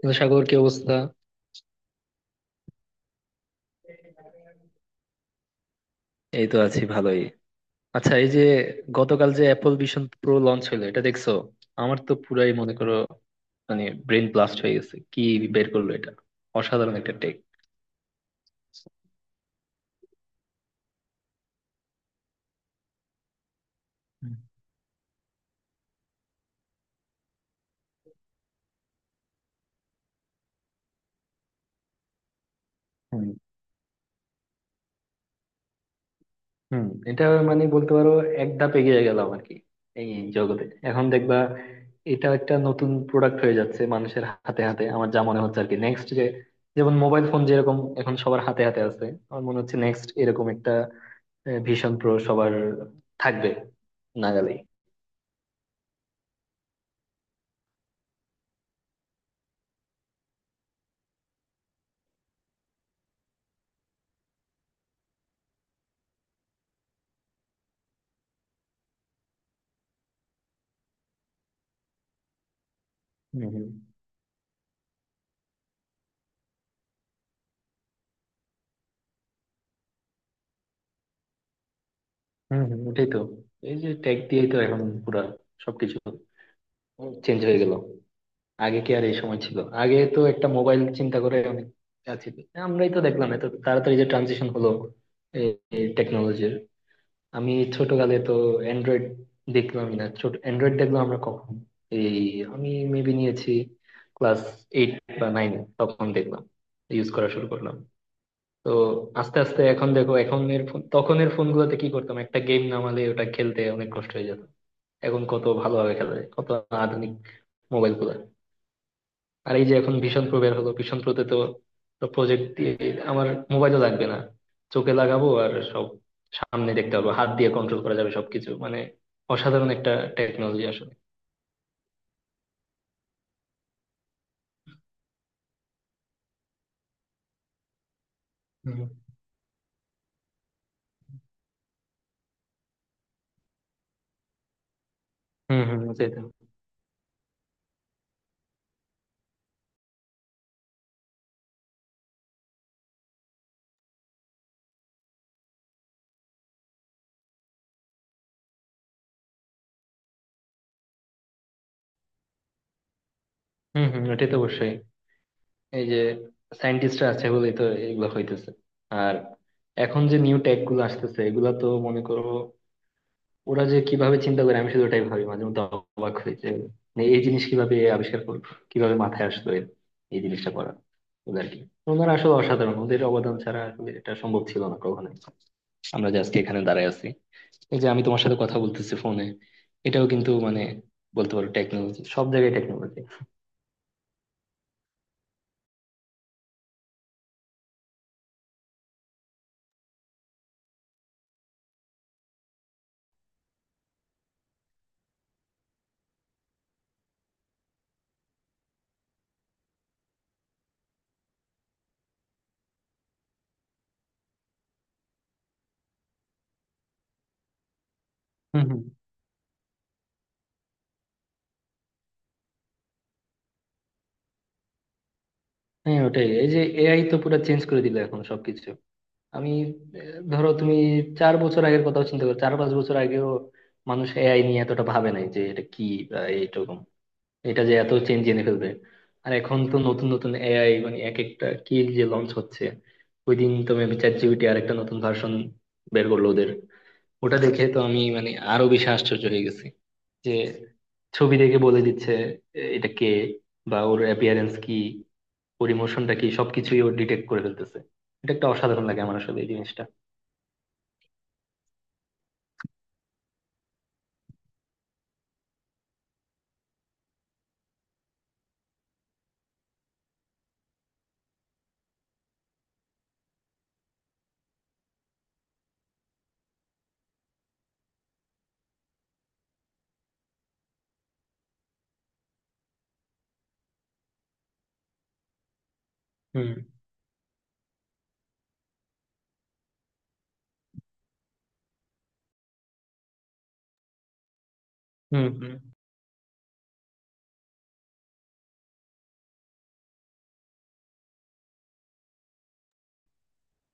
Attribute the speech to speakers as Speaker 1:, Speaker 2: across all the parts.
Speaker 1: কিন্তু সাগর কি অবস্থা? এই তো আছি ভালোই। আচ্ছা, এই যে গতকাল যে অ্যাপল ভিশন প্রো লঞ্চ হলো, এটা দেখছো? আমার তো পুরাই, মনে করো, ব্রেন ব্লাস্ট হয়ে গেছে কি বের করলো এটা। অসাধারণ একটা টেক। হুম হুম, এটা, বলতে পারো এক ধাপ এগিয়ে গেলাম আর কি এই জগতে। এখন দেখবা, এটা একটা নতুন প্রোডাক্ট হয়ে যাচ্ছে মানুষের হাতে হাতে, আমার যা মনে হচ্ছে আর কি। নেক্সট যে, যেমন মোবাইল ফোন যেরকম এখন সবার হাতে হাতে আছে, আমার মনে হচ্ছে নেক্সট এরকম একটা ভীষণ প্রো সবার থাকবে নাগালেই। হম হম। হম হম, ওটাই তো। এই যে টেক দিয়েই তো এখন পুরা সবকিছু চেঞ্জ হয়ে গেল। আগে কি আর এই সময় ছিল? আগে তো একটা মোবাইল চিন্তা করে অনেক কাজ ছিল। আমরাই তো দেখলাম এত তাড়াতাড়ি যে ট্রানজিশন হলো এই টেকনোলজির। আমি ছোটকালে তো অ্যান্ড্রয়েড দেখলাম না, ছোট অ্যান্ড্রয়েড দেখলাম আমরা কখন, এই, আমি মেবি নিয়েছি ক্লাস এইট বা নাইন, তখন দেখলাম, ইউজ করা শুরু করলাম। তো আস্তে আস্তে এখন দেখো, এখন এর ফোন তখনের ফোন গুলোতে কি করতাম একটা গেম নামালে ওটা খেলতে অনেক কষ্ট হয়ে যেত। এখন কত ভালোভাবে খেলা যায়, কত আধুনিক মোবাইল গুলা। আর এই যে এখন ভিশন প্রো বের হলো, ভিশন প্রোতে তো প্রজেক্ট দিয়ে আমার মোবাইলও লাগবে না, চোখে লাগাবো আর সব সামনে দেখতে পাবো, হাত দিয়ে কন্ট্রোল করা যাবে সবকিছু। অসাধারণ একটা টেকনোলজি আসলে। হুম। হম হম, ওটাই তো। হম হম, ওটাই তো, অবশ্যই। এই যে সায়েন্টিস্টরা আছে বলেই তো এগুলো হইতেছে। আর এখন যে নিউ টেক গুলো আসতেছে, এগুলা তো মনে করো, ওরা যে কিভাবে চিন্তা করে আমি শুধু ওটাই ভাবি, মাঝে মধ্যে অবাক হই যে, এই জিনিস কিভাবে আবিষ্কার করলো, কিভাবে মাথায় আসলো এই জিনিসটা করা ওদের কি। ওনারা আসলে অসাধারণ, ওদের অবদান ছাড়া আসলে এটা সম্ভব ছিল না কখনোই। আমরা যে আজকে এখানে দাঁড়ায় আছি, এই যে আমি তোমার সাথে কথা বলতেছি ফোনে, এটাও কিন্তু, বলতে পারো টেকনোলজি, সব জায়গায় টেকনোলজি। হম হম। হ্যাঁ ওটাই, এই যে এআই তো পুরো চেঞ্জ করে দিল এখন সবকিছু। আমি, ধরো তুমি চার বছর আগের কথা চিন্তা করো, চার পাঁচ বছর আগেও মানুষ এআই নিয়ে এতটা ভাবে নাই যে এটা কি বা এইরকম, এটা যে এত চেঞ্জ এনে ফেলবে। আর এখন তো নতুন নতুন এআই, এক একটা কি যে লঞ্চ হচ্ছে। ওই দিন তো মেবি চ্যাট জিপিটি আর একটা নতুন ভার্সন বের করলো ওদের। ওটা দেখে তো আমি, আরো বেশি আশ্চর্য হয়ে গেছি যে ছবি দেখে বলে দিচ্ছে এ, এটা কে, বা ওর অ্যাপিয়ারেন্স কি, ওর ইমোশনটা কি, সবকিছুই ও ডিটেক্ট করে ফেলতেছে। এটা একটা অসাধারণ লাগে আমার আসলে এই জিনিসটা। হুম হুম।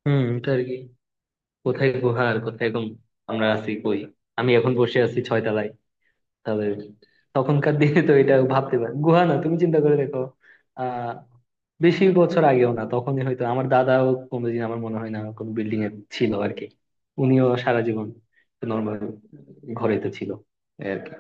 Speaker 1: হুম, এটা আর কি। কোথায় গুহা আর কোথায় গম, আমরা আছি কই? আমি এখন বসে আছি ছয়তলায়। তাহলে তখনকার দিনে তো এটা ভাবতে পার, গুহা না, তুমি চিন্তা করে দেখো। আহ বেশি বছর আগেও না, তখনই হয়তো আমার দাদাও কোনোদিন, আমার মনে হয় না কোনো বিল্ডিং এ ছিল আর কি। উনিও সারা জীবন নর্মাল ঘরেই তো ছিল এই আর কি।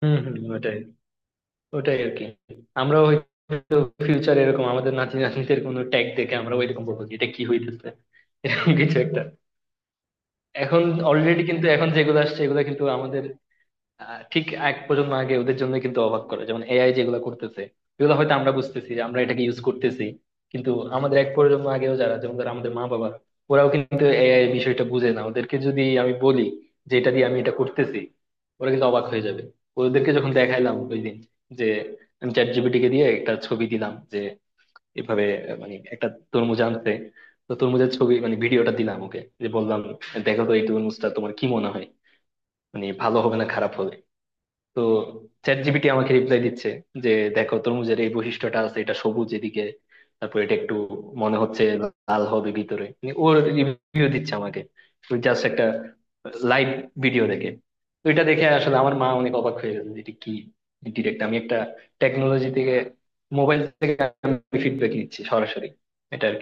Speaker 1: হুম হুম, ওটাই, ওটাই আরকি। আমরাও হয়তো ফিউচারে এরকম আমাদের নাতি নাতনিদের কোনো ট্যাগ দেখে আমরা ওইরকম বলবো যে এটা কি হইতেছে, এরকম কিছু একটা। এখন অলরেডি কিন্তু এখন যেগুলো আসছে এগুলো কিন্তু আমাদের ঠিক এক প্রজন্ম আগে ওদের জন্য কিন্তু অবাক করে, যেমন এআই যেগুলো করতেছে এগুলো হয়তো আমরা বুঝতেছি যে আমরা এটাকে ইউজ করতেছি, কিন্তু আমাদের এক প্রজন্ম আগেও যারা, যেমন ধর আমাদের মা বাবা, ওরাও কিন্তু এআই বিষয়টা বুঝে না। ওদেরকে যদি আমি বলি যে এটা দিয়ে আমি এটা করতেছি, ওরা কিন্তু অবাক হয়ে যাবে। ওদেরকে যখন দেখাইলাম ওই দিন, যে আমি চ্যাট জিপিটি কে দিয়ে একটা ছবি দিলাম যে এভাবে আহ, মানে একটা তরমুজ আনতে, তো তরমুজের ছবি, ভিডিওটা দিলাম ওকে, যে বললাম দেখো তো এই তরমুজটা তোমার কি মনে হয়, ভালো হবে না খারাপ হবে। তো চ্যাট জিপিটি আমাকে রিপ্লাই দিচ্ছে যে দেখো, তরমুজের এই বৈশিষ্ট্যটা আছে, এটা সবুজ এদিকে, তারপর এটা একটু মনে হচ্ছে লাল হবে ভিতরে। ওর রিভিউ দিচ্ছে আমাকে জাস্ট একটা লাইভ ভিডিও দেখে। তো এটা দেখে আসলে আমার মা অনেক অবাক হয়ে গেছে যে এটা কি, ডিরেক্ট আমি একটা টেকনোলজি থেকে, মোবাইল থেকে আমি ফিডব্যাক নিচ্ছি সরাসরি। এটা আর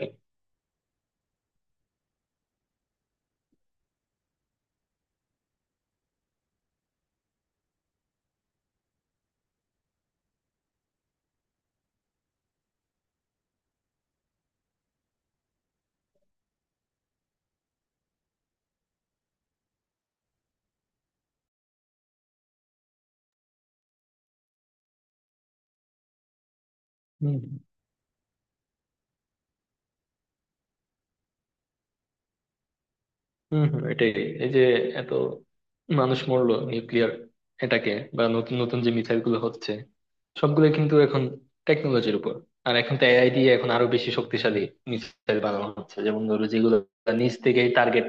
Speaker 1: কি। হম হম, এটাই। এই যে এত মানুষ মরলো নিউক্লিয়ার এটাকে, বা নতুন নতুন যে মিসাইল গুলো হচ্ছে সবগুলো কিন্তু এখন টেকনোলজির উপর। আর এখন তো এআই দিয়ে এখন আরো বেশি শক্তিশালী মিসাইল বানানো হচ্ছে, যেমন ধরো যেগুলো নিজ থেকেই টার্গেট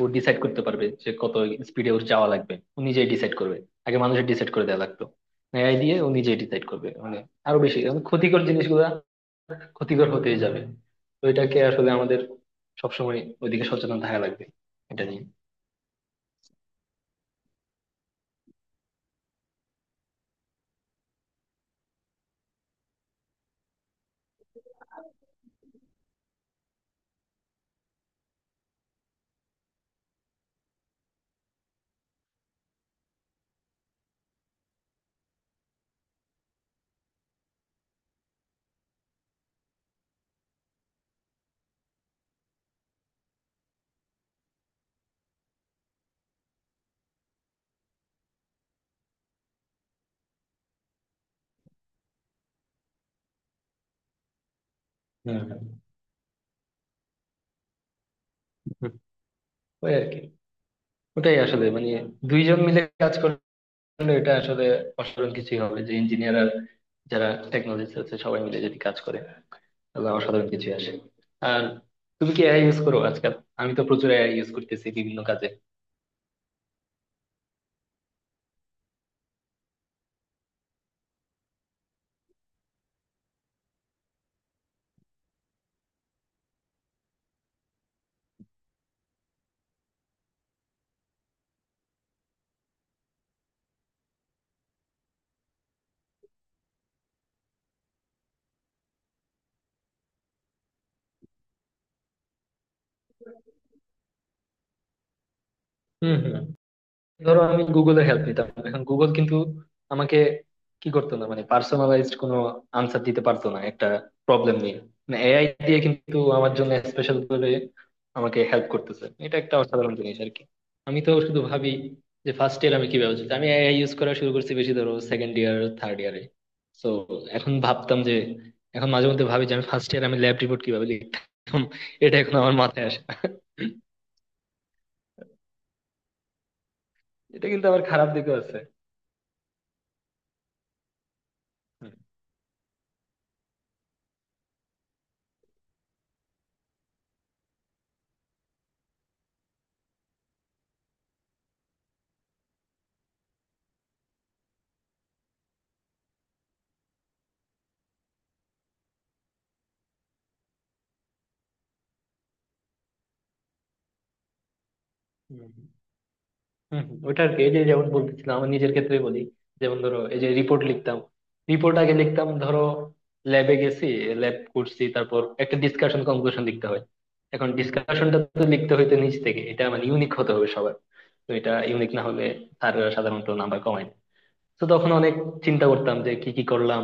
Speaker 1: ও ডিসাইড করতে পারবে, যে কত স্পিডে ওর যাওয়া লাগবে ও নিজেই ডিসাইড করবে। আগে মানুষের ডিসাইড করে দেওয়া লাগতো, এআই দিয়ে ও নিজেই ডিসাইড করবে। আরো বেশি, ক্ষতিকর জিনিসগুলা ক্ষতিকর হতেই যাবে। তো এটাকে আসলে আমাদের সবসময় ওইদিকে সচেতন থাকা লাগবে এটা নিয়ে। হ্যাঁ হ্যাঁ। হুম, ওই আর কি। ওটাই আসলে, দুইজন মিলে কাজ করলে এটা আসলে অসাধারণ কিছুই হবে। যে ইঞ্জিনিয়ার আর যারা টেকনোলজিস্ট আছে সবাই মিলে যদি কাজ করে, তাহলে অসাধারণ কিছুই আসে। আর তুমি কি এআই ইউজ করো আজকাল? আমি তো প্রচুর এআই ইউজ করতেছি বিভিন্ন কাজে। হম হম। ধরো, আমি গুগলের হেল্প নিতাম, এখন গুগল কিন্তু আমাকে কি করতো না, পার্সোনালাইজড কোনো আনসার দিতে পারতো না একটা প্রবলেম নিয়ে, এআই দিয়ে কিন্তু আমার জন্য স্পেশাল করে আমাকে হেল্প করতেছে। এটা একটা অসাধারণ জিনিস আর কি। আমি তো শুধু ভাবি যে ফার্স্ট ইয়ার আমি কি ভাবছি, আমি এআই ইউজ করা শুরু করছি বেশি ধরো সেকেন্ড ইয়ার থার্ড ইয়ারে। তো এখন ভাবতাম যে, এখন মাঝে মধ্যে ভাবি যে আমি ফার্স্ট ইয়ার আমি ল্যাব রিপোর্ট কিভাবে লিখতাম, এটা এখন আমার মাথায় আসে না। এটা কিন্তু আমার খারাপ দিকও আছে। হুম। হম, ওইটা আর কি। এই যে যেমন বলতেছিলাম আমার নিজের ক্ষেত্রে বলি, যেমন ধরো এই যে রিপোর্ট লিখতাম, রিপোর্ট আগে লিখতাম ধরো, ল্যাবে গেছি, ল্যাব করছি, তারপর একটা ডিসকাশন কনক্লুশন লিখতে হয়। এখন ডিসকাশনটা তো লিখতে হইতো নিজ থেকে, এটা ইউনিক হতে হবে সবার। তো এটা ইউনিক না হলে স্যাররা সাধারণত নাম্বার কমায় না। তো তখন অনেক চিন্তা করতাম যে কি কি করলাম,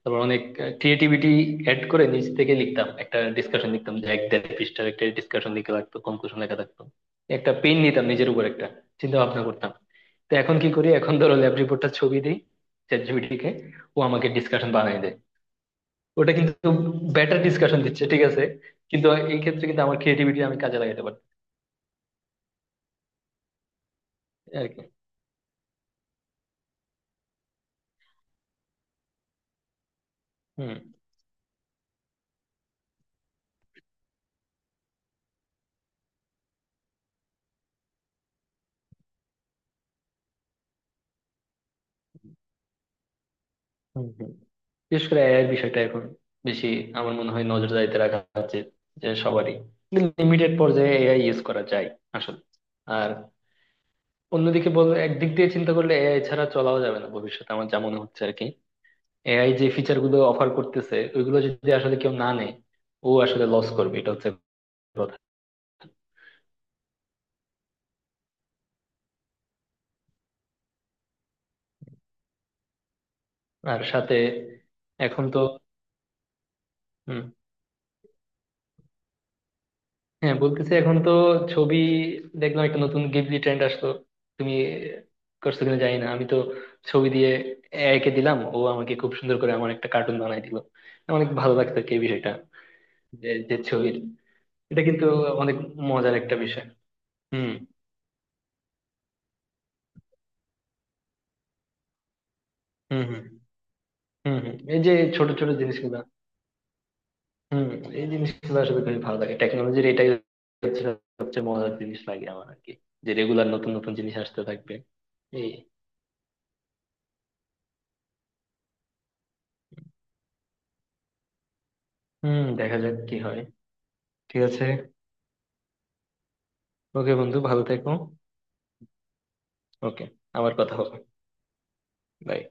Speaker 1: তারপর অনেক ক্রিয়েটিভিটি অ্যাড করে নিজ থেকে লিখতাম, একটা ডিসকাশন লিখতাম যে এক দেড় পৃষ্ঠার একটা ডিসকাশন লিখে লাগতো, কনক্লুশন লেখা থাকতো। একটা পেন নিতাম নিজের উপর একটা চিন্তা ভাবনা করতাম। তো এখন কি করি, এখন ধরো ল্যাব রিপোর্টটা ছবি দিই চ্যাট জিপিটিকে, ও আমাকে ডিসকাশন বানিয়ে দেয়। ওটা কিন্তু বেটার ডিসকাশন দিচ্ছে ঠিক আছে, কিন্তু এই ক্ষেত্রে কিন্তু আমার ক্রিয়েটিভিটি আমি কাজে লাগাতে পারি আর কি। হম হম। হম, বিশেষ করে এআই এর বিষয়টা এখন বেশি আমার মনে হয় নজরদারিতে রাখা উচিত, যে সবারই লিমিটেড পর্যায়ে এআই ইউজ করা যায় আসলে। আর অন্যদিকে বল, একদিক দিয়ে চিন্তা করলে এআই ছাড়া চলাও যাবে না ভবিষ্যতে, আমার যা মনে হচ্ছে আর কি। এআই যে ফিচার গুলো অফার করতেছে ওইগুলো যদি আসলে কেউ না নেয়, ও আসলে লস করবে, এটা হচ্ছে কথা। আর সাথে এখন তো, হম, হ্যাঁ বলতেছি। এখন তো ছবি দেখলাম একটা নতুন গিবলি ট্রেন্ড আসলো, তুমি করছো কিনা জানি না, আমি তো ছবি দিয়ে এআই কে দিলাম, ও আমাকে খুব সুন্দর করে আমার একটা কার্টুন বানাই দিল। অনেক ভালো লাগতো আর কি এই বিষয়টা, যে যে ছবির। এটা কিন্তু অনেক মজার একটা বিষয়। হুম হুম। হুম হুম হুম। এই যে ছোট ছোট জিনিসগুলা, হুম, এই জিনিসগুলো আসলে খুবই ভালো লাগে, টেকনোলজির এটাই হচ্ছে সবচেয়ে মজার জিনিস লাগে আমার আর কি, যে রেগুলার নতুন নতুন জিনিস আসতে থাকবে এই। হুম, দেখা যাক কি হয়। ঠিক আছে, ওকে বন্ধু, ভালো থেকো। ওকে, আবার কথা হবে। Bye.